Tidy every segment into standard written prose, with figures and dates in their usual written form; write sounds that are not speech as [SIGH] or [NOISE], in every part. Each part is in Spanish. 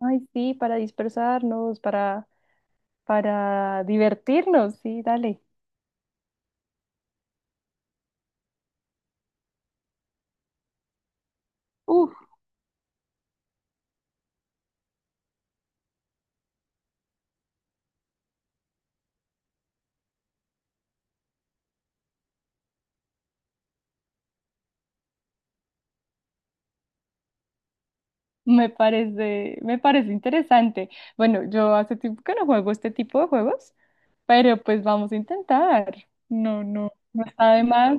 Ay, sí, para dispersarnos, para divertirnos, sí, dale. Uf, me parece interesante. Bueno, yo hace tiempo que no juego este tipo de juegos, pero pues vamos a intentar. No, no, no está de más.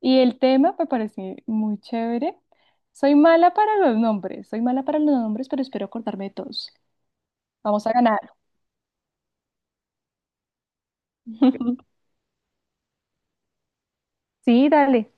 Y el tema me parece muy chévere. Soy mala para los nombres, soy mala para los nombres, pero espero acordarme de todos. Vamos a ganar. [LAUGHS] Sí, dale.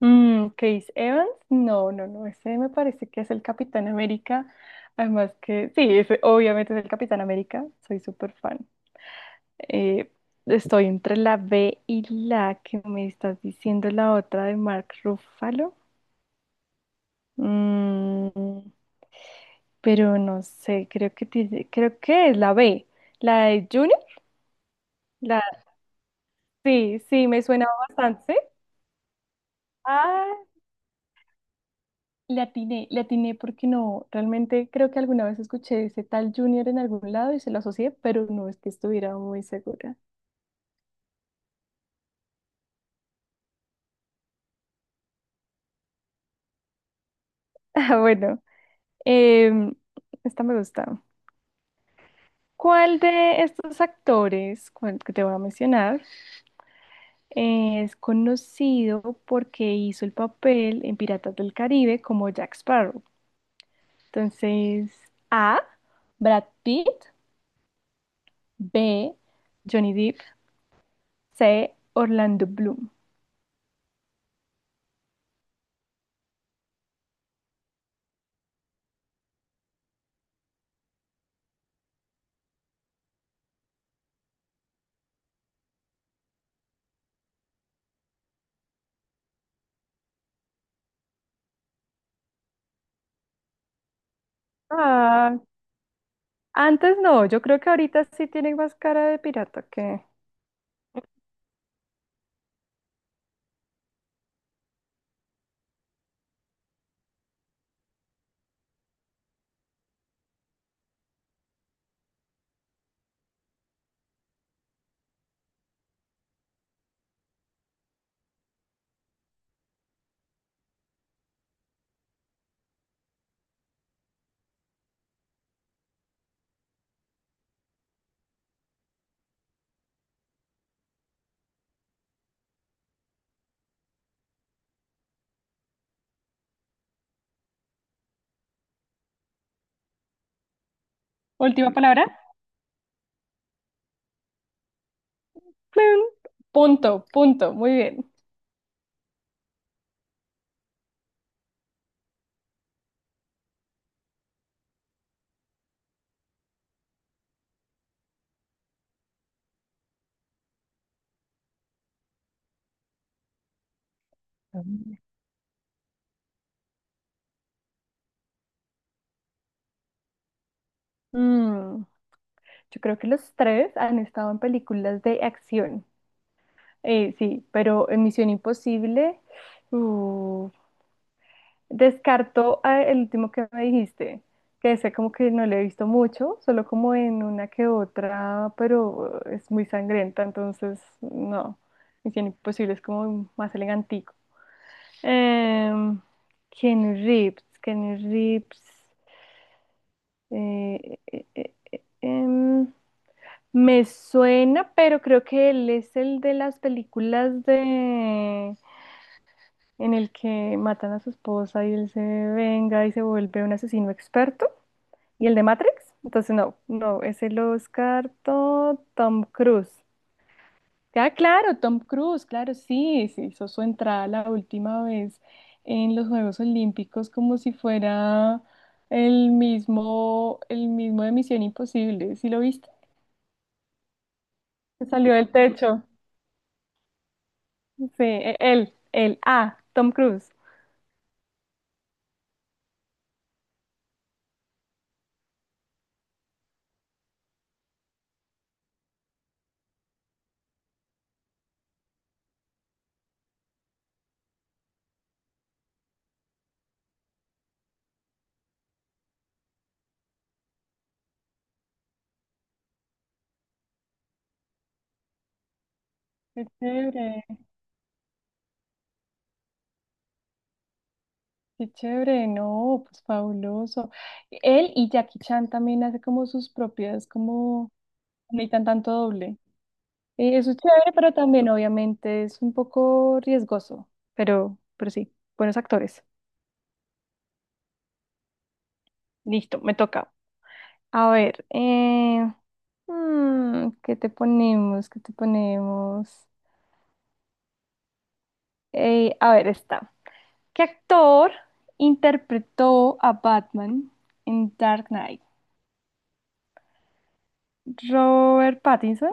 Chris Evans, no, no, no, ese me parece que es el Capitán América. Además que, sí, ese obviamente es el Capitán América, soy súper fan. Eh, estoy entre la B y la que me estás diciendo, la otra de Mark Ruffalo. Mm, pero no sé, creo que es la B, la de Juni. La, sí, sí, me suena bastante. Le atiné porque no, realmente creo que alguna vez escuché ese tal Junior en algún lado y se lo asocié, pero no es que estuviera muy segura. [LAUGHS] Ah, bueno, em, esta me gusta. ¿Cuál de estos actores, cuál que te voy a mencionar, es conocido porque hizo el papel en Piratas del Caribe como Jack Sparrow? Entonces, A, Brad Pitt; B, Johnny Depp; C, Orlando Bloom. Antes no, yo creo que ahorita sí tienen más cara de pirata que… Última palabra. Plum. Punto, punto, muy bien. Mm. Mm, Yo creo que los tres han estado en películas de acción. Sí, pero en Misión Imposible, uh, descarto a el último que me dijiste, que sé como que no le he visto mucho, solo como en una que otra, pero es muy sangrienta, entonces no. Misión Imposible es como más elegante. Em, Keanu Reeves, Keanu Reeves. eh, eh, eh, eh, em, Me suena, pero creo que él es el de las películas de en el que matan a su esposa y él se venga y se vuelve un asesino experto. ¿Y el de Matrix? Entonces no, no, es el Oscar Tom Cruise. Ah, claro, Tom Cruise, claro, sí, se hizo su entrada la última vez en los Juegos Olímpicos como si fuera el mismo de Misión Imposible, ¿sí lo viste? Que salió del techo. Sí, él, él, ah, Tom Cruise. Qué chévere, qué chévere, no, pues fabuloso. Él y Jackie Chan también hace como sus propias, como, necesitan tanto doble. Eso es chévere, pero también obviamente es un poco riesgoso, pero sí, buenos actores. Listo, me toca. A ver, ¿qué te ponemos? ¿Qué te ponemos? A ver, está. ¿Qué actor interpretó a Batman en Dark Knight? ¿Robert Pattinson?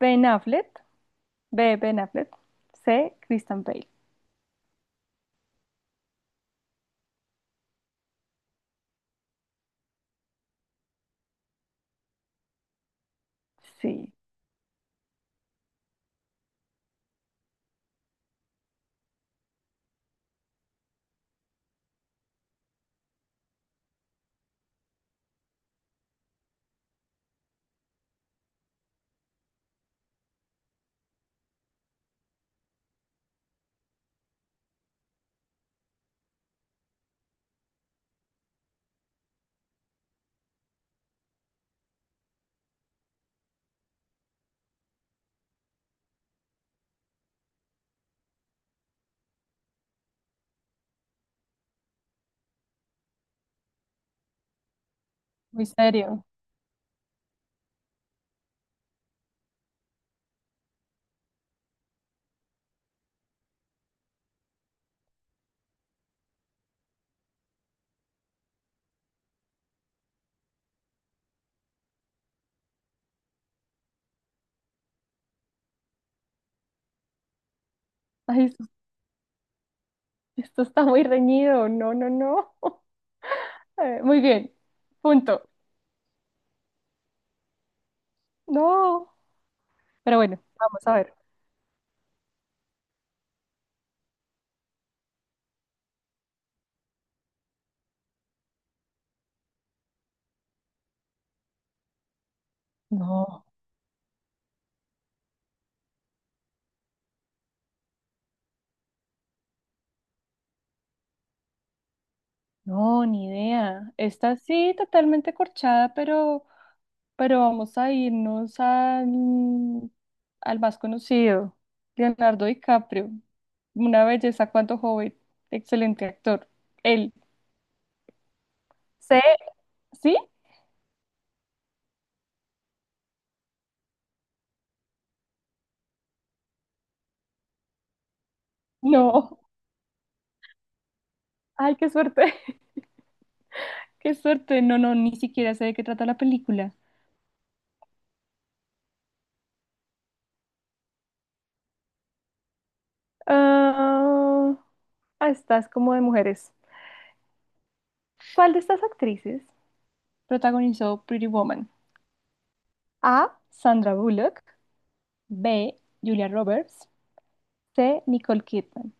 ¿Ben Affleck? B, Ben Affleck. C, Christian Bale. Sí, muy serio. Ay, esto está muy reñido. No, no, no. [LAUGHS] Muy bien. Punto. No. Pero bueno, vamos a ver. No, no, ni idea. Está sí, totalmente corchada, pero vamos a irnos al, al más conocido, Leonardo DiCaprio. Una belleza, cuanto joven. Excelente actor. Él. ¿Sé? ¿Sí? No. Ay, qué suerte. [LAUGHS] Qué suerte. No, no, ni siquiera sé de qué trata la película. Ah, ah, estás como de mujeres. ¿Cuál de estas actrices protagonizó Pretty Woman? A, Sandra Bullock. B, Julia Roberts. C, Nicole Kidman.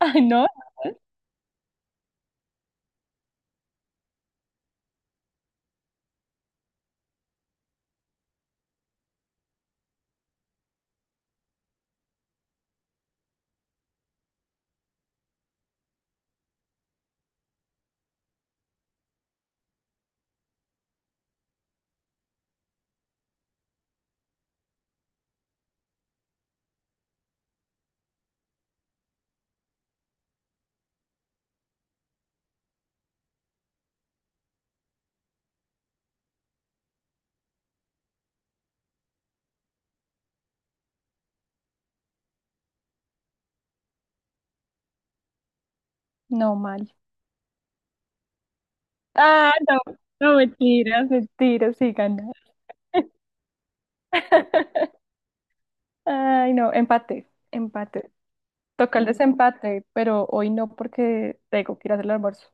[LAUGHS] Ay, no. No mal. Ah, no. No, mentiras. Mentira, sí gané. [LAUGHS] Ay, no, empate, empate. Toca el desempate, pero hoy no porque tengo que ir a hacer el almuerzo.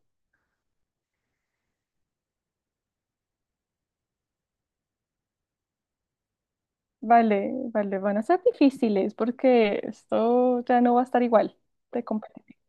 Vale, vale, van a ser difíciles porque esto ya no va a estar igual de competitivo.